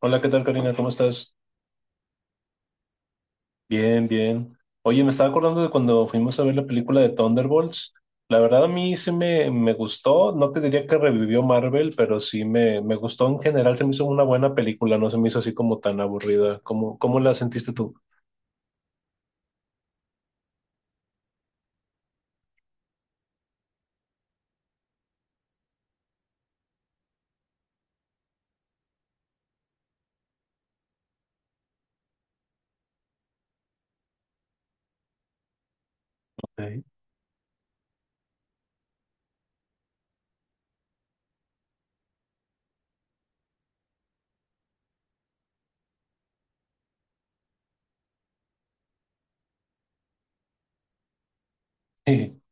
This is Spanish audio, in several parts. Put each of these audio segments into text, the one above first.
Hola, ¿qué tal, Karina? ¿Cómo estás? Bien, bien. Oye, me estaba acordando de cuando fuimos a ver la película de Thunderbolts. La verdad, a mí sí me gustó. No te diría que revivió Marvel, pero sí me gustó en general. Se me hizo una buena película, no se me hizo así como tan aburrida. ¿Cómo la sentiste tú? Ok.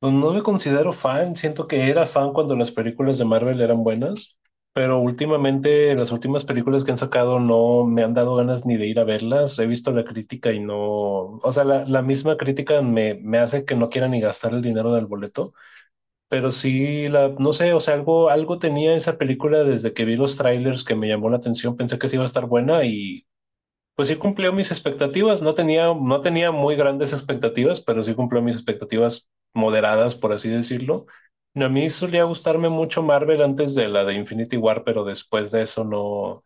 Pues no me considero fan, siento que era fan cuando las películas de Marvel eran buenas, pero últimamente las últimas películas que han sacado no me han dado ganas ni de ir a verlas, he visto la crítica y no, o sea, la misma crítica me hace que no quiera ni gastar el dinero del boleto, pero sí, la, no sé, o sea, algo tenía esa película desde que vi los trailers que me llamó la atención, pensé que sí iba a estar buena y pues sí cumplió mis expectativas, no tenía muy grandes expectativas, pero sí cumplió mis expectativas moderadas, por así decirlo. A mí solía gustarme mucho Marvel antes de la de Infinity War, pero después de eso no,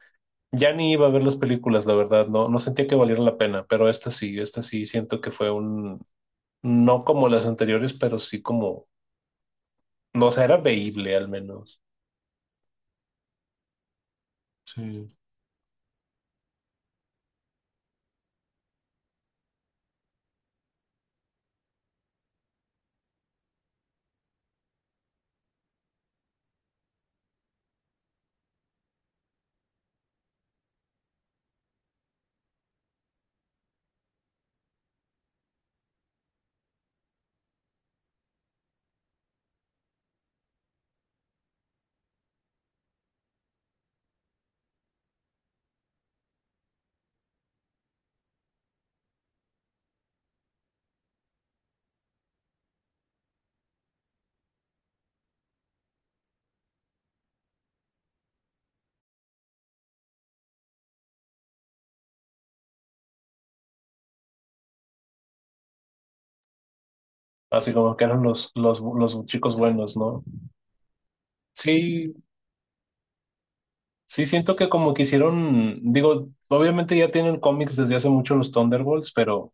ya ni iba a ver las películas, la verdad, no, no sentía que valiera la pena, pero esta sí siento que fue un, no como las anteriores, pero sí como, no, o sea, era veíble al menos. Sí. Así como que eran los chicos buenos, ¿no? Sí, sí, siento que como que hicieron, digo, obviamente ya tienen cómics desde hace mucho los Thunderbolts, pero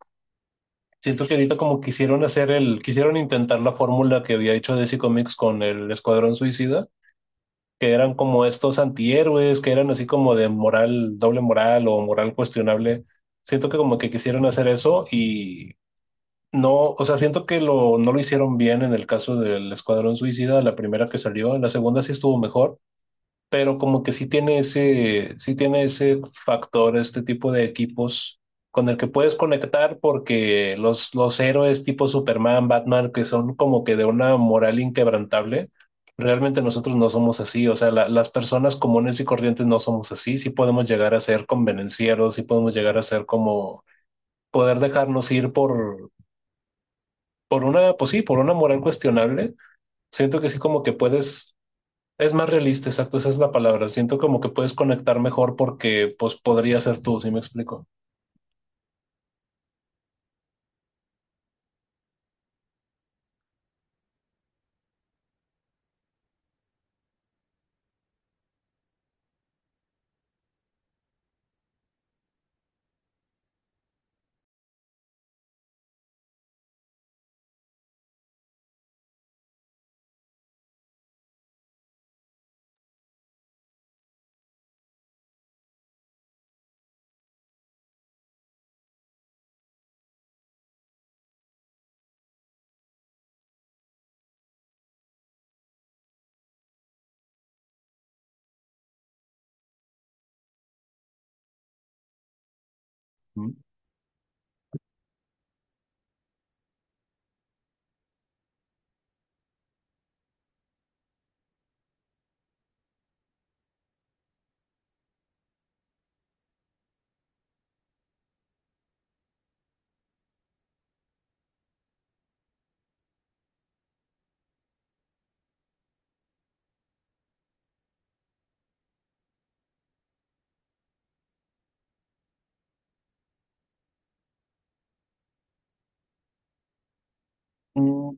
siento que ahorita como quisieron hacer el, quisieron intentar la fórmula que había hecho DC Comics con el Escuadrón Suicida, que eran como estos antihéroes, que eran así como de moral, doble moral o moral cuestionable. Siento que como que quisieron hacer eso y no, o sea, siento que lo, no lo hicieron bien en el caso del Escuadrón Suicida, la primera que salió, la segunda sí estuvo mejor pero como que sí tiene ese factor, este tipo de equipos con el que puedes conectar porque los héroes tipo Superman, Batman, que son como que de una moral inquebrantable, realmente nosotros no somos así, o sea, las personas comunes y corrientes no somos así, sí podemos llegar a ser convenencieros, sí podemos llegar a ser como poder dejarnos ir por una, pues sí, por una moral cuestionable. Siento que sí como que puedes es más realista, exacto, esa es la palabra. Siento como que puedes conectar mejor porque pues podría ser tú, si me explico. Mm. Mm,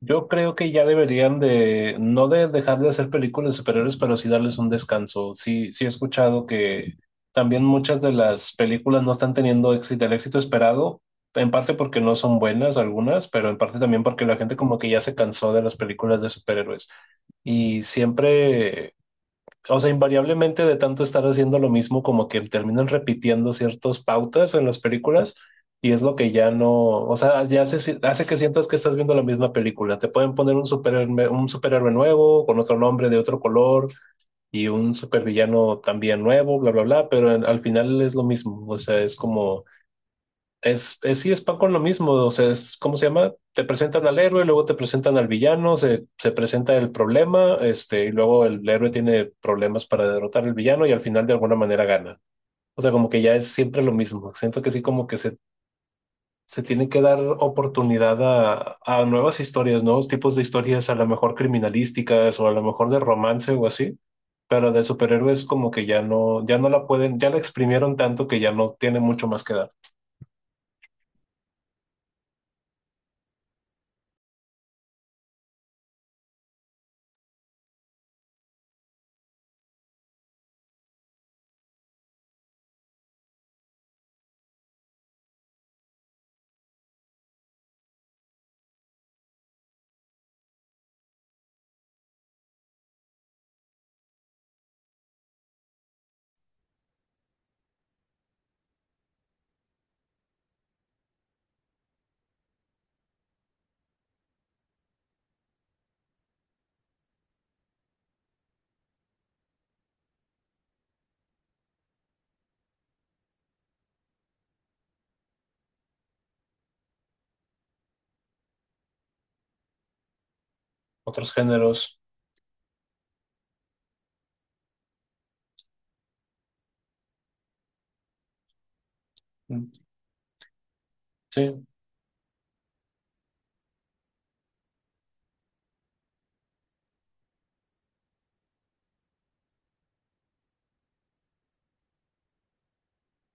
yo creo que ya deberían de, no de dejar de hacer películas superiores, pero sí darles un descanso. Sí, sí he escuchado que también muchas de las películas no están teniendo éxito, el éxito esperado, en parte porque no son buenas algunas, pero en parte también porque la gente como que ya se cansó de las películas de superhéroes. Y siempre, o sea, invariablemente de tanto estar haciendo lo mismo, como que terminan repitiendo ciertas pautas en las películas y es lo que ya no, o sea, ya hace que sientas que estás viendo la misma película. Te pueden poner un superhéroe nuevo, con otro nombre, de otro color y un supervillano también nuevo, bla, bla, bla, pero en- al final es lo mismo. O sea, es como es, sí, es pan con lo mismo, o sea, es, ¿cómo se llama? Te presentan al héroe, luego te presentan al villano, se presenta el problema, este, y luego el héroe tiene problemas para derrotar al villano y al final de alguna manera gana. O sea, como que ya es siempre lo mismo. Siento que sí, como que se tiene que dar oportunidad a nuevas historias, nuevos tipos de historias, a lo mejor criminalísticas o a lo mejor de romance o así, pero de superhéroes como que ya no, ya no la pueden, ya la exprimieron tanto que ya no tiene mucho más que dar. Otros géneros. Mm, sí,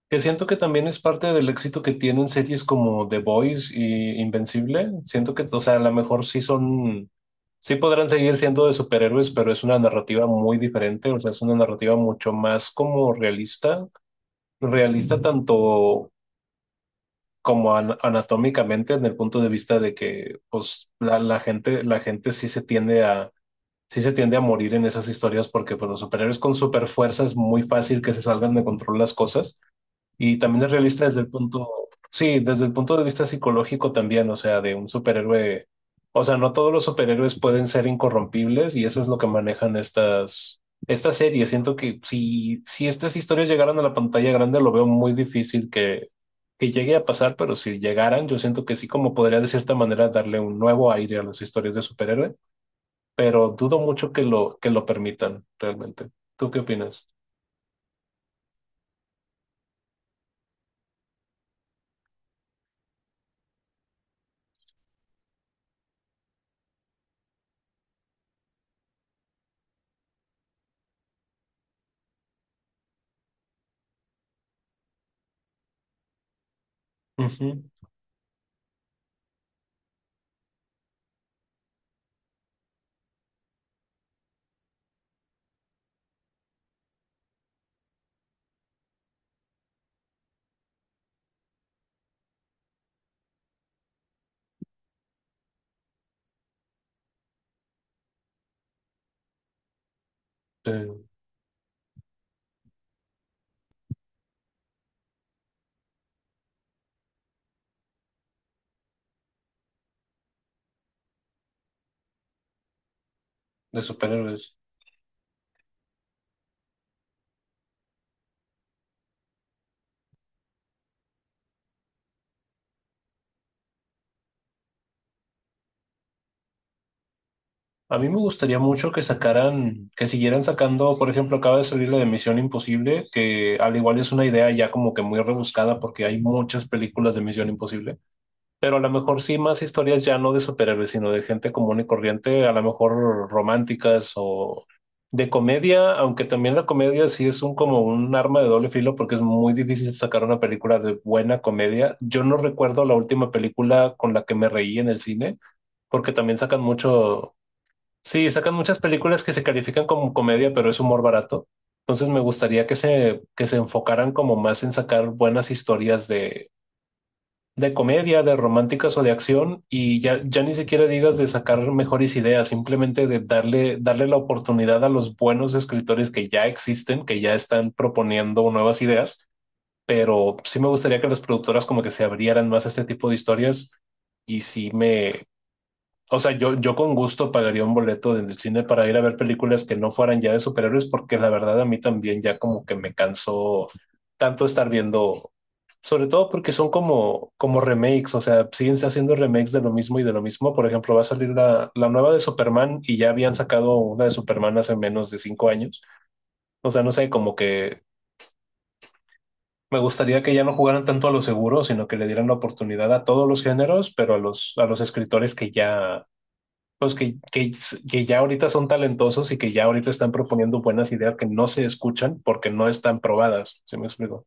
que siento que también es parte del éxito que tienen series como The Boys y Invencible. Siento que, o sea, a lo mejor sí son, sí podrán seguir siendo de superhéroes, pero es una narrativa muy diferente, o sea, es una narrativa mucho más como realista, realista tanto como anatómicamente en el punto de vista de que, pues, la gente, la gente sí se tiende a, sí se tiende a morir en esas historias porque, pues, los superhéroes con super fuerza es muy fácil que se salgan de control las cosas. Y también es realista desde el punto, sí, desde el punto de vista psicológico también, o sea, de un superhéroe. O sea, no todos los superhéroes pueden ser incorrompibles y eso es lo que manejan estas series. Siento que si estas historias llegaran a la pantalla grande, lo veo muy difícil que llegue a pasar, pero si llegaran, yo siento que sí, como podría de cierta manera darle un nuevo aire a las historias de superhéroe, pero dudo mucho que lo permitan realmente. ¿Tú qué opinas? Ujú, De, de superhéroes. A mí me gustaría mucho que sacaran, que siguieran sacando, por ejemplo, acaba de salir la de Misión Imposible, que al igual es una idea ya como que muy rebuscada porque hay muchas películas de Misión Imposible, pero a lo mejor sí más historias ya no de superhéroes, sino de gente común y corriente, a lo mejor románticas o de comedia, aunque también la comedia sí es un como un arma de doble filo porque es muy difícil sacar una película de buena comedia. Yo no recuerdo la última película con la que me reí en el cine porque también sacan mucho. Sí, sacan muchas películas que se califican como comedia, pero es humor barato. Entonces me gustaría que se enfocaran como más en sacar buenas historias de comedia, de románticas o de acción, y ya, ya ni siquiera digas de sacar mejores ideas, simplemente de darle, darle la oportunidad a los buenos escritores que ya existen, que ya están proponiendo nuevas ideas, pero sí me gustaría que las productoras como que se abrieran más a este tipo de historias y sí me, o sea, yo con gusto pagaría un boleto del cine para ir a ver películas que no fueran ya de superhéroes, porque la verdad a mí también ya como que me cansó tanto estar viendo, sobre todo porque son como, como remakes, o sea, siguen haciendo remakes de lo mismo y de lo mismo. Por ejemplo, va a salir la nueva de Superman y ya habían sacado una de Superman hace menos de 5 años. O sea, no sé, como que me gustaría que ya no jugaran tanto a lo seguro, sino que le dieran la oportunidad a todos los géneros, pero a los escritores que ya pues que ya ahorita son talentosos y que ya ahorita están proponiendo buenas ideas que no se escuchan porque no están probadas, ¿sí me explico?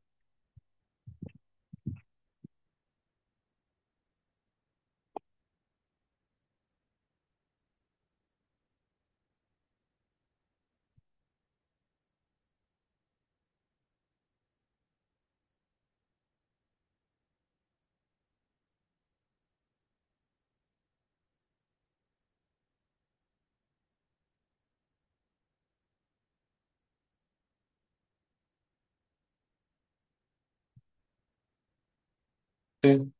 Sí,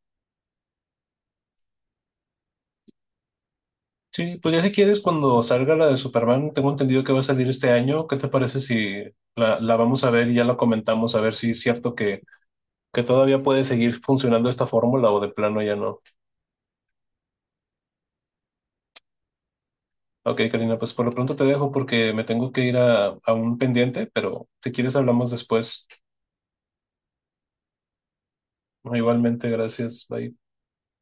sí, pues ya si quieres, cuando salga la de Superman, tengo entendido que va a salir este año, ¿qué te parece si la vamos a ver y ya la comentamos a ver si es cierto que todavía puede seguir funcionando esta fórmula o de plano ya no? Ok, Karina, pues por lo pronto te dejo porque me tengo que ir a un pendiente, pero si quieres hablamos después. Igualmente, gracias, bye.